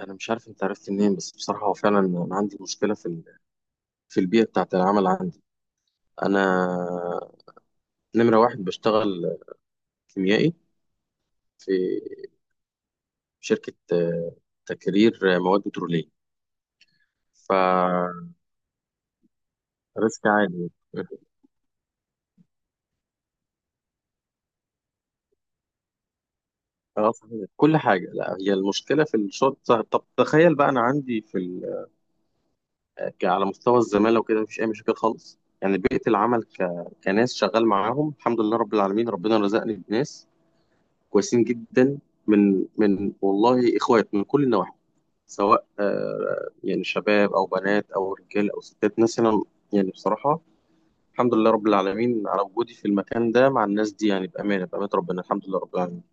انا مش عارف انت عرفت منين، بس بصراحه هو فعلا انا عندي مشكله في البيئه بتاعه العمل عندي. انا نمره واحد بشتغل كيميائي في شركه تكرير مواد بتروليه فريسك عالي. اه، صحيح كل حاجه. لا، هي المشكله في الشغل. طب تخيل بقى، انا عندي على مستوى الزماله وكده مفيش اي مشاكل خالص، يعني بيئه العمل كناس شغال معاهم الحمد لله رب العالمين. ربنا رزقني بناس كويسين جدا، من والله اخوات من كل النواحي، سواء يعني شباب او بنات او رجال او ستات مثلا. يعني بصراحه الحمد لله رب العالمين على وجودي في المكان ده مع الناس دي، يعني بامانه بامانه ربنا الحمد لله رب العالمين.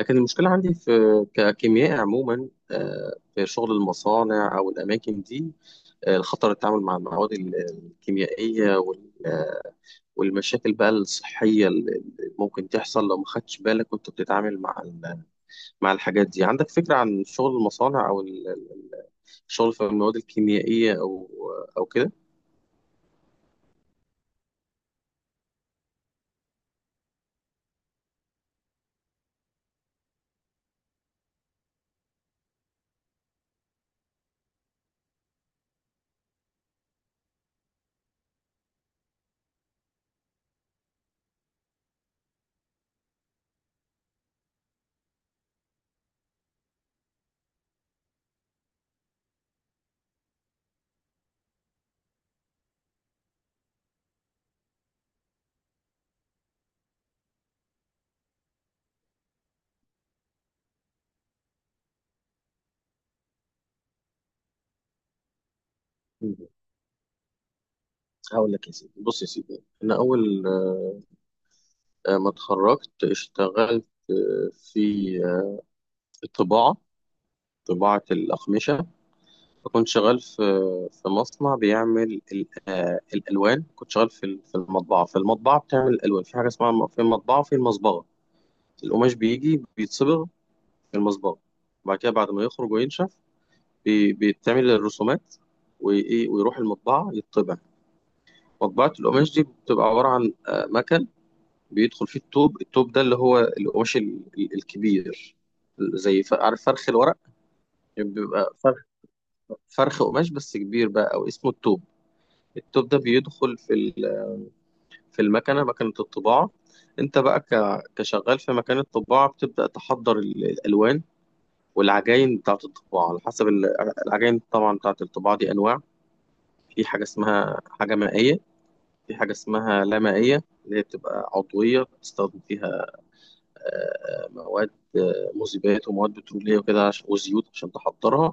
لكن المشكله عندي في ككيمياء عموما، في شغل المصانع او الاماكن دي، الخطر التعامل مع المواد الكيميائيه والمشاكل بقى الصحيه اللي ممكن تحصل لو ما خدتش بالك وانت بتتعامل مع مع الحاجات دي. عندك فكرة عن شغل المصانع أو الشغل في المواد الكيميائية أو كده؟ مم. هقول لك يا سيدي. بص يا سيدي، أنا أول ما اتخرجت اشتغلت في الطباعة، طباعة الأقمشة. كنت شغال في مصنع بيعمل الألوان. كنت شغال في المطبعة بتعمل الألوان، في حاجة اسمها في المطبعة، في المصبغة. القماش بيجي بيتصبغ في المصبغة، وبعد كده بعد ما يخرج وينشف بيتعمل الرسومات، وايه، ويروح المطبعه يطبع. مطبعه القماش دي بتبقى عباره عن مكن بيدخل فيه الطوب ده اللي هو القماش الكبير، زي عارف فرخ الورق؟ بيبقى فرخ قماش بس كبير بقى، او اسمه الطوب. الطوب ده بيدخل في المكنه، مكنه الطباعه. انت بقى كشغال في مكان الطباعه بتبدا تحضر الالوان والعجاين بتاعه الطباعه على حسب العجاين. طبعا بتاعه الطباعه دي انواع. في حاجه اسمها حاجه مائيه، في حاجة اسمها لا مائية اللي هي بتبقى عضوية بتستخدم فيها مواد، مذيبات ومواد بترولية وكده وزيوت عشان تحضرها.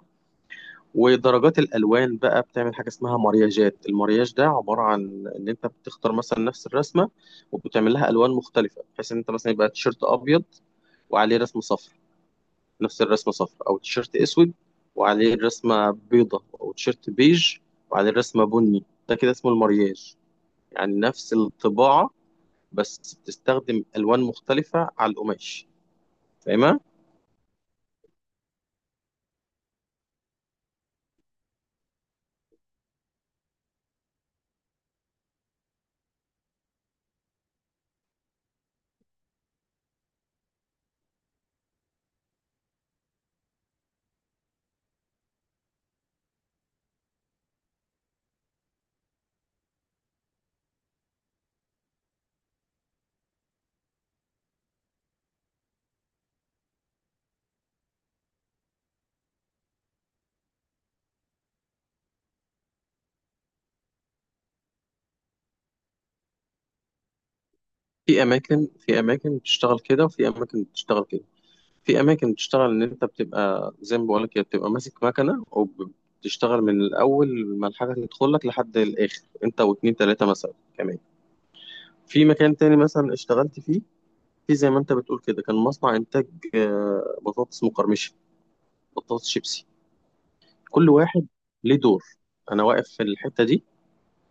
ودرجات الألوان بقى بتعمل حاجة اسمها مرياجات. المرياج ده عبارة عن إن أنت بتختار مثلا نفس الرسمة وبتعمل لها ألوان مختلفة، بحيث إن أنت مثلا يبقى تيشيرت أبيض وعليه رسمة صفر، نفس الرسمة صفر، أو تيشيرت أسود وعليه رسمة بيضة، أو تيشيرت بيج وعليه رسمة بني. ده كده اسمه المرياج. يعني نفس الطباعة بس بتستخدم الوان مختلفه على القماش. فاهمها؟ في اماكن، في اماكن بتشتغل كده وفي اماكن بتشتغل كده. في اماكن بتشتغل ان انت بتبقى زي ما بقول لك، بتبقى ماسك مكنه وبتشتغل من الاول، ما الحاجه تدخل لك لحد الاخر، انت واتنين تلاته مثلا كمان. في مكان تاني مثلا اشتغلت فيه، في، زي ما انت بتقول كده، كان مصنع انتاج بطاطس مقرمشه، بطاطس شيبسي. كل واحد ليه دور. انا واقف في الحته دي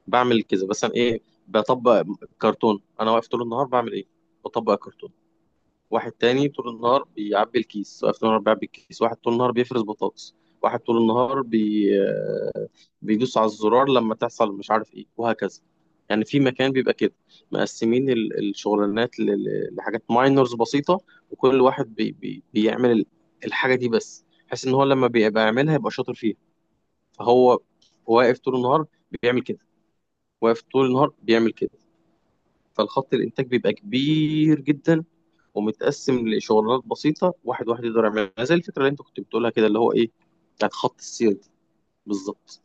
بعمل كذا، مثلا ايه؟ بطبق كرتون. انا واقف طول النهار بعمل ايه؟ بطبق كرتون. واحد تاني طول النهار بيعبي الكيس، واقف طول النهار بيعبي الكيس. واحد طول النهار بيفرز بطاطس، واحد طول النهار بي... آه، بيدوس على الزرار لما تحصل مش عارف ايه وهكذا. يعني في مكان بيبقى كده مقسمين الشغلانات لحاجات ماينرز بسيطة، وكل واحد بيعمل الحاجة دي بس، بحيث ان هو لما بيبقى يعملها يبقى شاطر فيها. فهو واقف طول النهار بيعمل كده، واقف طول النهار بيعمل كده. فالخط الانتاج بيبقى كبير جدا ومتقسم لشغلانات بسيطه، واحد واحد يقدر يعملها، زي الفكره اللي انت كنت بتقولها كده اللي هو ايه، بتاعت خط السير دي. بالظبط.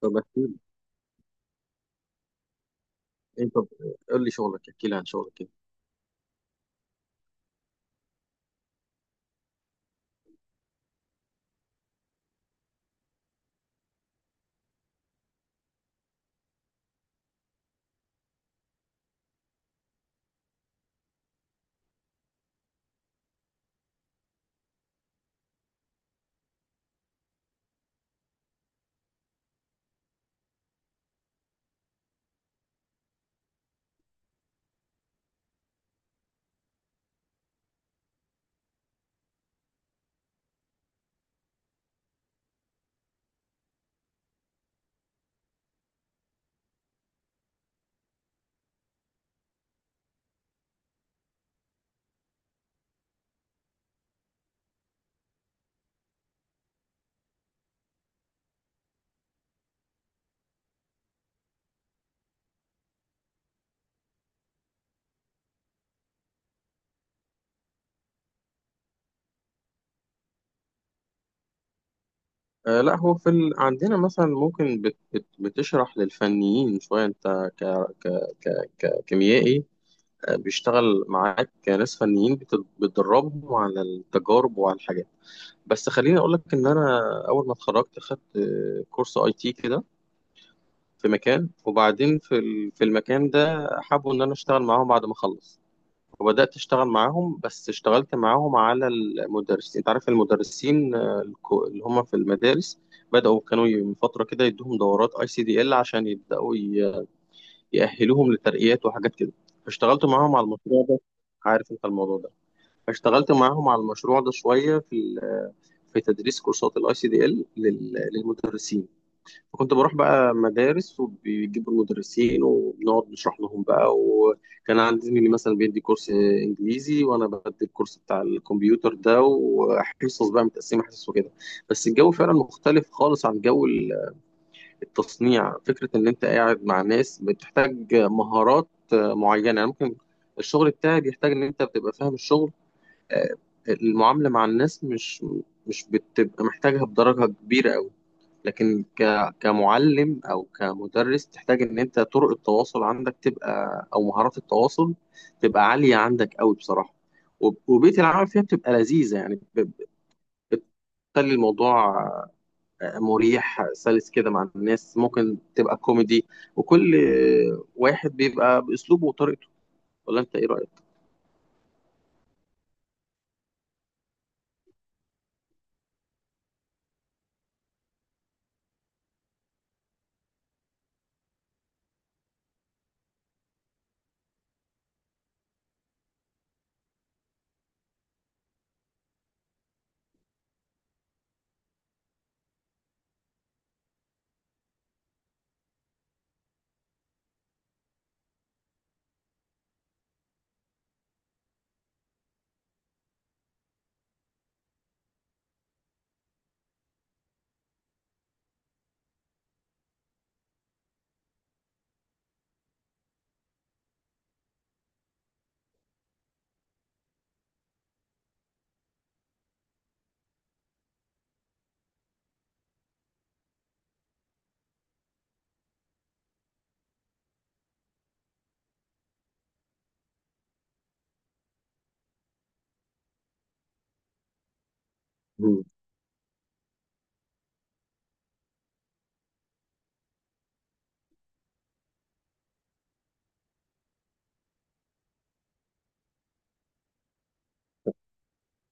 طب احكي لي انت، قول لي شغلك، احكي لي عن شغلك كده. لا، هو في ال... عندنا مثلا ممكن بتشرح للفنيين شويه، انت ك... ك... ككيميائي. بيشتغل معاك ناس فنيين بتدربهم على التجارب وعلى الحاجات. بس خليني اقول لك ان انا اول ما اتخرجت خدت كورس اي تي كده في مكان، وبعدين في المكان ده حابوا ان انا اشتغل معاهم بعد ما اخلص. وبدات اشتغل معاهم، بس اشتغلت معاهم على المدرسين. انت عارف المدرسين اللي هم في المدارس؟ بداوا كانوا من فتره كده يدوهم دورات اي سي دي ال عشان يبداوا يأهلوهم لترقيات وحاجات كده. فاشتغلت معاهم على المشروع ده. عارف انت الموضوع ده؟ فاشتغلت معاهم على المشروع ده شويه، في تدريس كورسات الاي سي دي ال للمدرسين. فكنت بروح بقى مدارس وبيجيبوا المدرسين وبنقعد نشرح لهم بقى، وكان عندي زميلي مثلا بيدي كورس انجليزي وانا بدي الكورس بتاع الكمبيوتر ده، وحصص بقى متقسمه حصص وكده. بس الجو فعلا مختلف خالص عن جو التصنيع، فكره ان انت قاعد مع ناس بتحتاج مهارات معينه. يعني ممكن الشغل بتاعي بيحتاج ان انت بتبقى فاهم الشغل، آه، المعاملة مع الناس مش بتبقى محتاجها بدرجة كبيرة أوي. لكن كمعلم أو كمدرس تحتاج إن أنت طرق التواصل عندك تبقى، أو مهارات التواصل تبقى عالية عندك أوي بصراحة. وبيئة العمل فيها بتبقى لذيذة، يعني بتخلي الموضوع مريح سلس كده. مع الناس ممكن تبقى كوميدي، وكل واحد بيبقى بأسلوبه وطريقته. ولا أنت إيه رأيك؟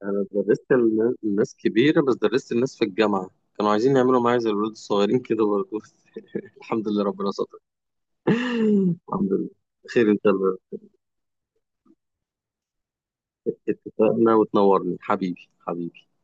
أنا درست الناس كبيرة، بس درست الناس في الجامعة كانوا عايزين يعملوا معايا زي الولاد الصغيرين كده برضه الحمد لله ربنا ستر. الحمد لله. خير إن شاء الله. اتفقنا وتنورني حبيبي حبيبي.